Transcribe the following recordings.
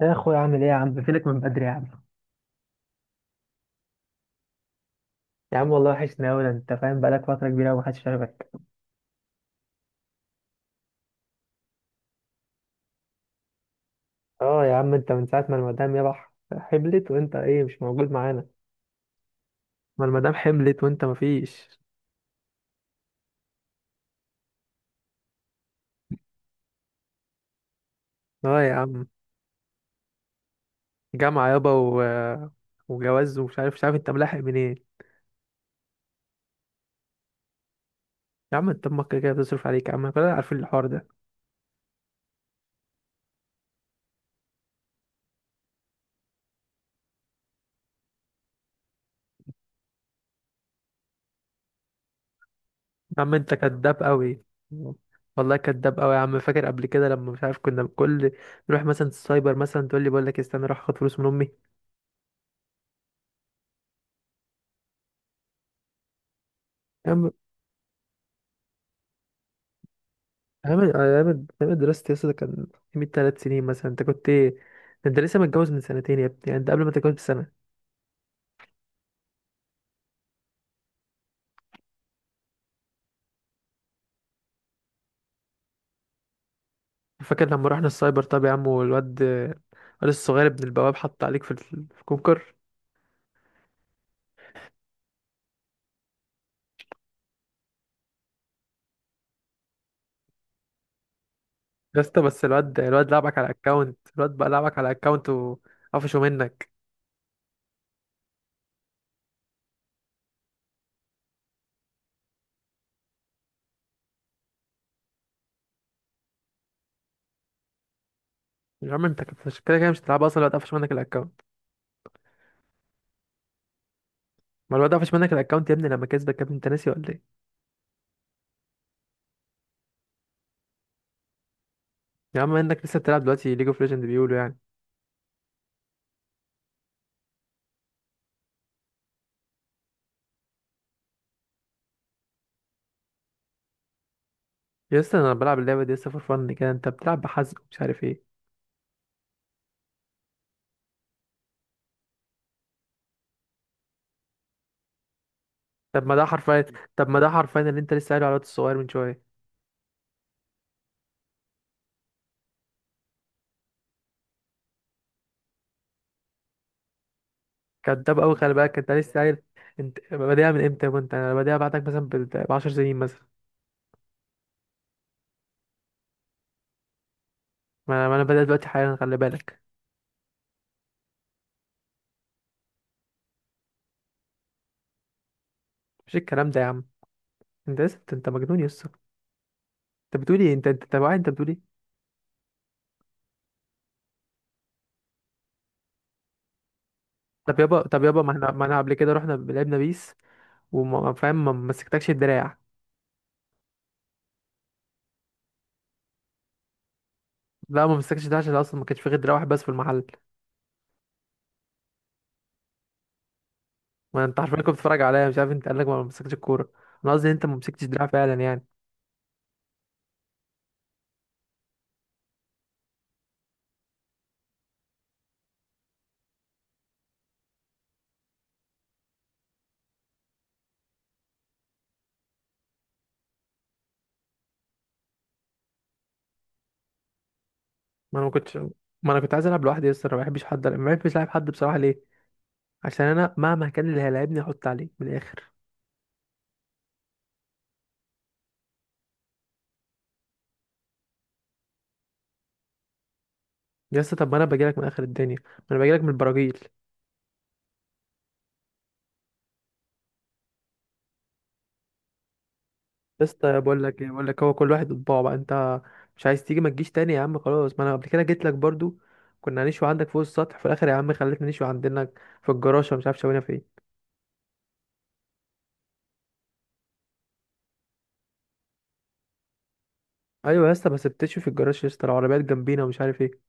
يا اخويا عامل ايه يا عم؟ فينك من بدري يا عم؟ يا عم والله وحشني اوي، ده انت فاهم، بقالك فتره كبيره ومحدش شافك. اه يا عم، انت من ساعه ما المدام يبح حملت، وانت ايه مش موجود معانا؟ ما المدام حملت وانت مفيش. اه يا عم، جامعه يابا وجواز ومش عارف مش عارف انت ملاحق منين؟ يا عم انت امك كده كده بتصرف عليك يا عم، كلنا عارفين الحوار ده. يا عم انت كداب قوي. والله كداب قوي يا عم، فاكر قبل كده لما مش عارف كنا كل نروح مثلا السايبر، مثلا تقول لي بقول لك استنى اروح اخد فلوس من امي؟ أيام دراستي يا اسطى، ده كان من تلات سنين مثلا، أنت كنت إيه؟ ده أنت لسه متجوز من سنتين يا ابني، يعني أنت قبل ما تتجوز بسنة. فاكر لما رحنا السايبر؟ طب يا عم والواد، الواد الصغير ابن البواب حط عليك في في الكونكر. يا اسطى بس الواد، الواد لعبك على الأكاونت، الواد بقى لعبك على الأكاونت وقفشه منك. يا عم مش كده كده مش هتلعب أصلا، الواد قفش منك الأكاونت. ما الواد قفش منك الأكاونت يا ابني لما كسبك، يا ابني أنت ناسي ولا إيه؟ يا عم إنك لسه بتلعب دلوقتي ليج اوف ليجند بيقولوا يعني. يا اسطى أنا بلعب اللعبة دي يا اسطى فور فن كده، أنت بتلعب بحزق ومش عارف إيه. طب ما ده حرفيا، طب ما ده حرفيا اللي انت لسه قايله على الواد الصغير من شويه. كداب قوي، خلي بالك انت لسه قايل. انت بادئها من امتى، وانت انا بادئها بعدك مثلا ب 10 سنين مثلا. ما انا بادئ دلوقتي حالا، خلي بالك. مش الكلام ده يا عم. انت لسه، أنت مجنون يا اسطى. انت بتقول ايه؟ انت واعي؟ انت بتقول ايه؟ طب يابا ما احنا، ما انا قبل كده رحنا لعبنا بيس، وما فاهم ما مسكتكش الدراع. لا، ما مسكتش الدراع عشان اصلا ما كانش في غير دراع واحد بس في المحل. ما انت حرفيا كنت بتتفرج عليا، مش عارف انت قال لك ما مسكتش الكوره؟ انا قصدي ان انت ما مسكتش دراع فعلا يعني. ما انا ما كنتش ما انا كنت عايز العب لوحدي، يس انا ما بحبش حد، ما بحبش العب حد بصراحه. ليه؟ عشان انا مهما كان اللي هيلاعبني احط عليه من الاخر. يس، طب ما انا باجي لك من اخر الدنيا، ما انا باجي لك من البراجيل. يس، بقول لك ايه، بقول لك هو كل واحد بطباعه بقى. انت مش عايز تيجي ما تجيش تاني يا عم، خلاص. ما انا قبل كده جيت لك برضو، كنا هنشوي عندك فوق السطح، في الاخر يا عم خليتنا نشوي عندنا في الجراشه ومش عارف شوينا فين. ايوه يا اسطى، بس بتشوي في الجراج يا اسطى، العربيات جنبينا ومش عارف ايه.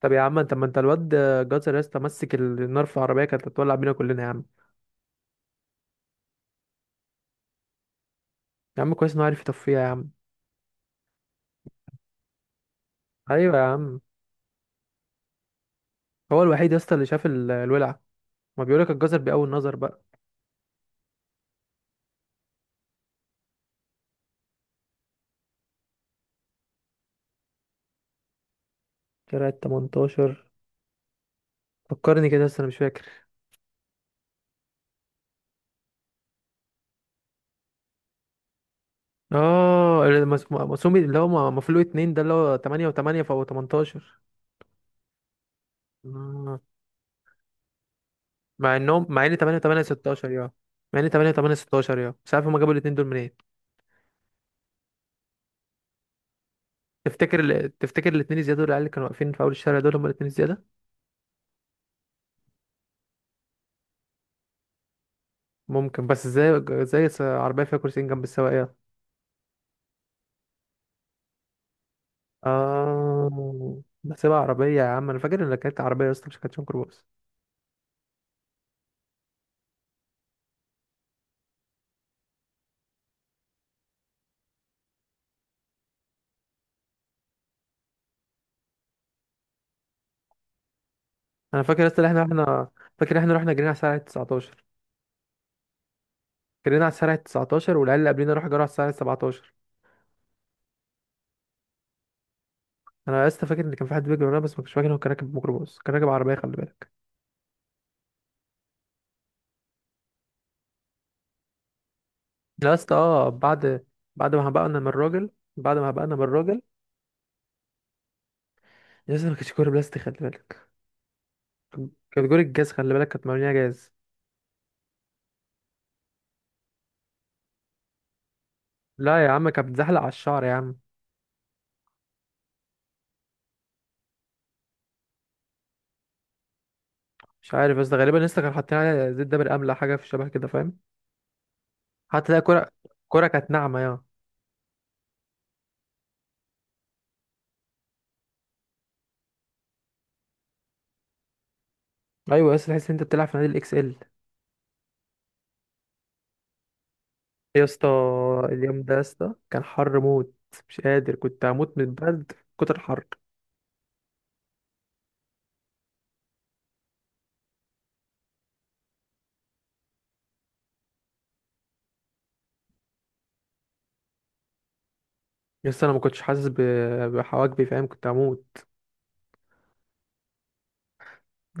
طب يا عم انت، ما انت الواد جزر يا اسطى مسك النار في العربيه، كانت هتولع بينا كلنا يا عم. يا عم كويس انه عارف يطفيها يا عم. ايوه يا عم، هو الوحيد يا اسطى اللي شاف الولع، ما بيقولك الجزر بأول نظر بقى. كده 18، فكرني كده بس انا مش فاكر. اه مقسوم، اللي هو مفلوق اتنين ده، اللي هو 8 و8 فهو 18. آه. مع انهم، مع ان 8 و8 16 يا، مع ان 8 و8 16 يا مش عارف هما جابوا الاتنين دول منين. تفتكر الاتنين الزياده دول، العيال اللي كانوا واقفين في اول الشارع دول هما الاتنين الزياده؟ ممكن، بس ازاي، عربيه فيها كرسيين جنب السواق؟ اه بحسبها عربية يا عم، انا فاكر ان كانت عربية يا اسطى، مش كانت ميكروباص. انا فاكر يا اسطى إن احنا، احنا فاكر احنا رحنا جرينا على الساعة 19، جرينا على الساعة 19، والعيال اللي قبلنا راحوا جروا على الساعة 17. انا يا اسطى فاكر ان كان في حد بيجري ورانا، بس ما كنتش فاكر إن هو كان راكب ميكروباص، كان راكب عربية خلي بالك. لا يا اسطى، اه بعد، بعد ما هبقنا من الراجل، بعد ما هبقنا من الراجل، يا اسطى ما كانتش كورة بلاستيك خلي بالك، كانت كورة جاز خلي بالك، كانت مرمية جاز. لا يا عم، كانت بتزحلق على الشعر يا عم. مش عارف، بس غالبا لسه كانوا حاطين عليها زيت دابر املح، حاجة في الشبه كده فاهم؟ حتى ده كرة، كرة كانت ناعمة يا. ايوه يا اسطى، تحس ان انت بتلعب في نادي الاكس ال. يا اسطى اليوم ده يا اسطى كان حر موت، مش قادر، كنت هموت من البرد، كتر الحر. يا اسطى انا ما كنتش حاسس بحواجبي فاهم؟ كنت هموت.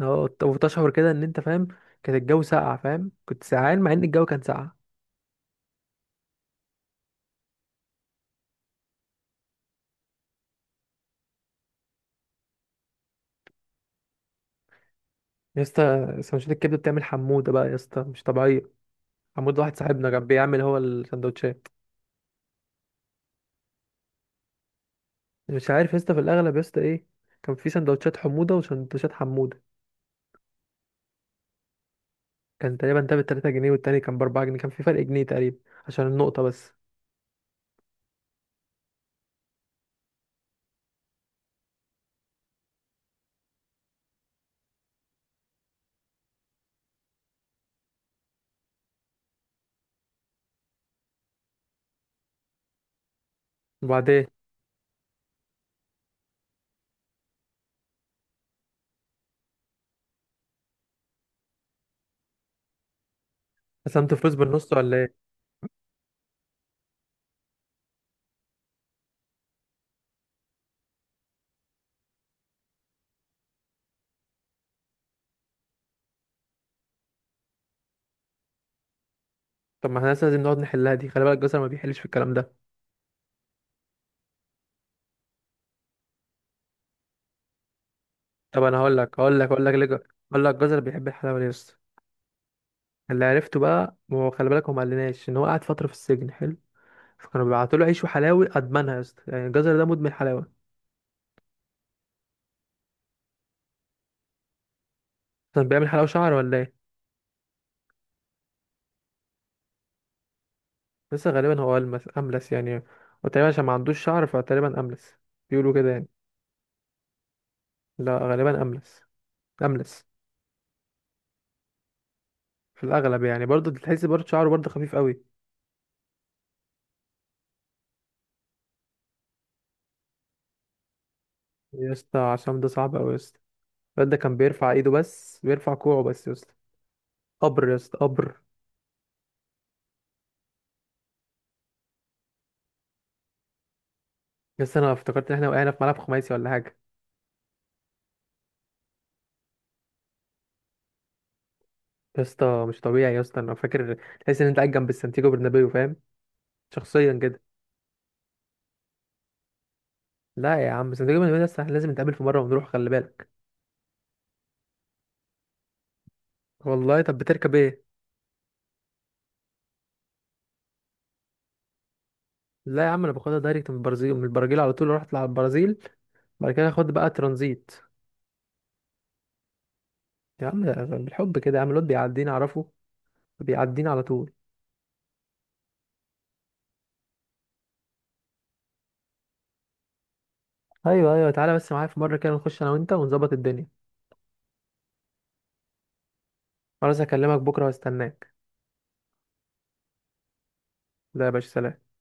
اه وتشعر كده ان انت فاهم، كان الجو ساقع فاهم؟ كنت سقعان مع ان الجو كان ساقع. يا اسطى سندوتشات الكبده بتعمل حموده بقى يا اسطى مش طبيعيه. حمود واحد صاحبنا كان بيعمل هو السندوتشات. مش عارف يا اسطى، في الاغلب يا اسطى ايه، كان في سندوتشات حموده وسندوتشات حموده. كان تقريبا ده بتلاتة جنيه، والتاني كان بأربعة جنيه، كان في فرق جنيه تقريبا عشان النقطة بس. وبعدين، قسمت الفلوس بالنص ولا ايه؟ طب ما احنا لسه لازم نقعد نحلها دي، خلي بالك جزر ما بيحلش في الكلام ده. طب انا هقول لك، هقول لك ليه هقول لك جزر بيحب الحلاوة ليه يا اسطى. اللي عرفته بقى، ما هو خلي بالك، هو ما قالناش ان هو قعد فترة في السجن حلو، فكانوا بيبعتوا له عيش وحلاوي ادمنها، يا اسطى يعني الجزر ده مدمن حلاوة. كان بيعمل حلاوة شعر ولا ايه؟ لسه غالبا هو ألمس أملس يعني، وتقريبا عشان ما عندوش شعر فتقريبا أملس، بيقولوا كده يعني. لا غالبا أملس، أملس في الاغلب يعني، برضه تحس برضه شعره برضه خفيف قوي. يا اسطى عصام ده صعب قوي يا اسطى، الواد ده كان بيرفع ايده بس بيرفع كوعه بس يا اسطى، قبر يا اسطى قبر. يا اسطى انا افتكرت ان احنا وقعنا في ملعب خماسي ولا حاجه، يا اسطى مش طبيعي يا اسطى، انا فاكر تحس ان انت قاعد جنب السانتياغو برنابيو فاهم؟ شخصيا كده. لا يا عم، سانتياغو برنابيو ده احنا لازم نتقابل في مره ونروح، خلي بالك. والله؟ طب بتركب ايه؟ لا يا عم انا باخدها دايركت من البرازيل، على طول رحت على البرازيل، بعد كده اخد بقى ترانزيت. يا عم بالحب كده يا عم، الواد بيعديني اعرفه، بيعديني على طول. ايوه، ايوه، تعالى بس معايا في مره كده نخش انا وانت ونظبط الدنيا. خلاص هكلمك بكره واستناك. لا يا باشا، سلام.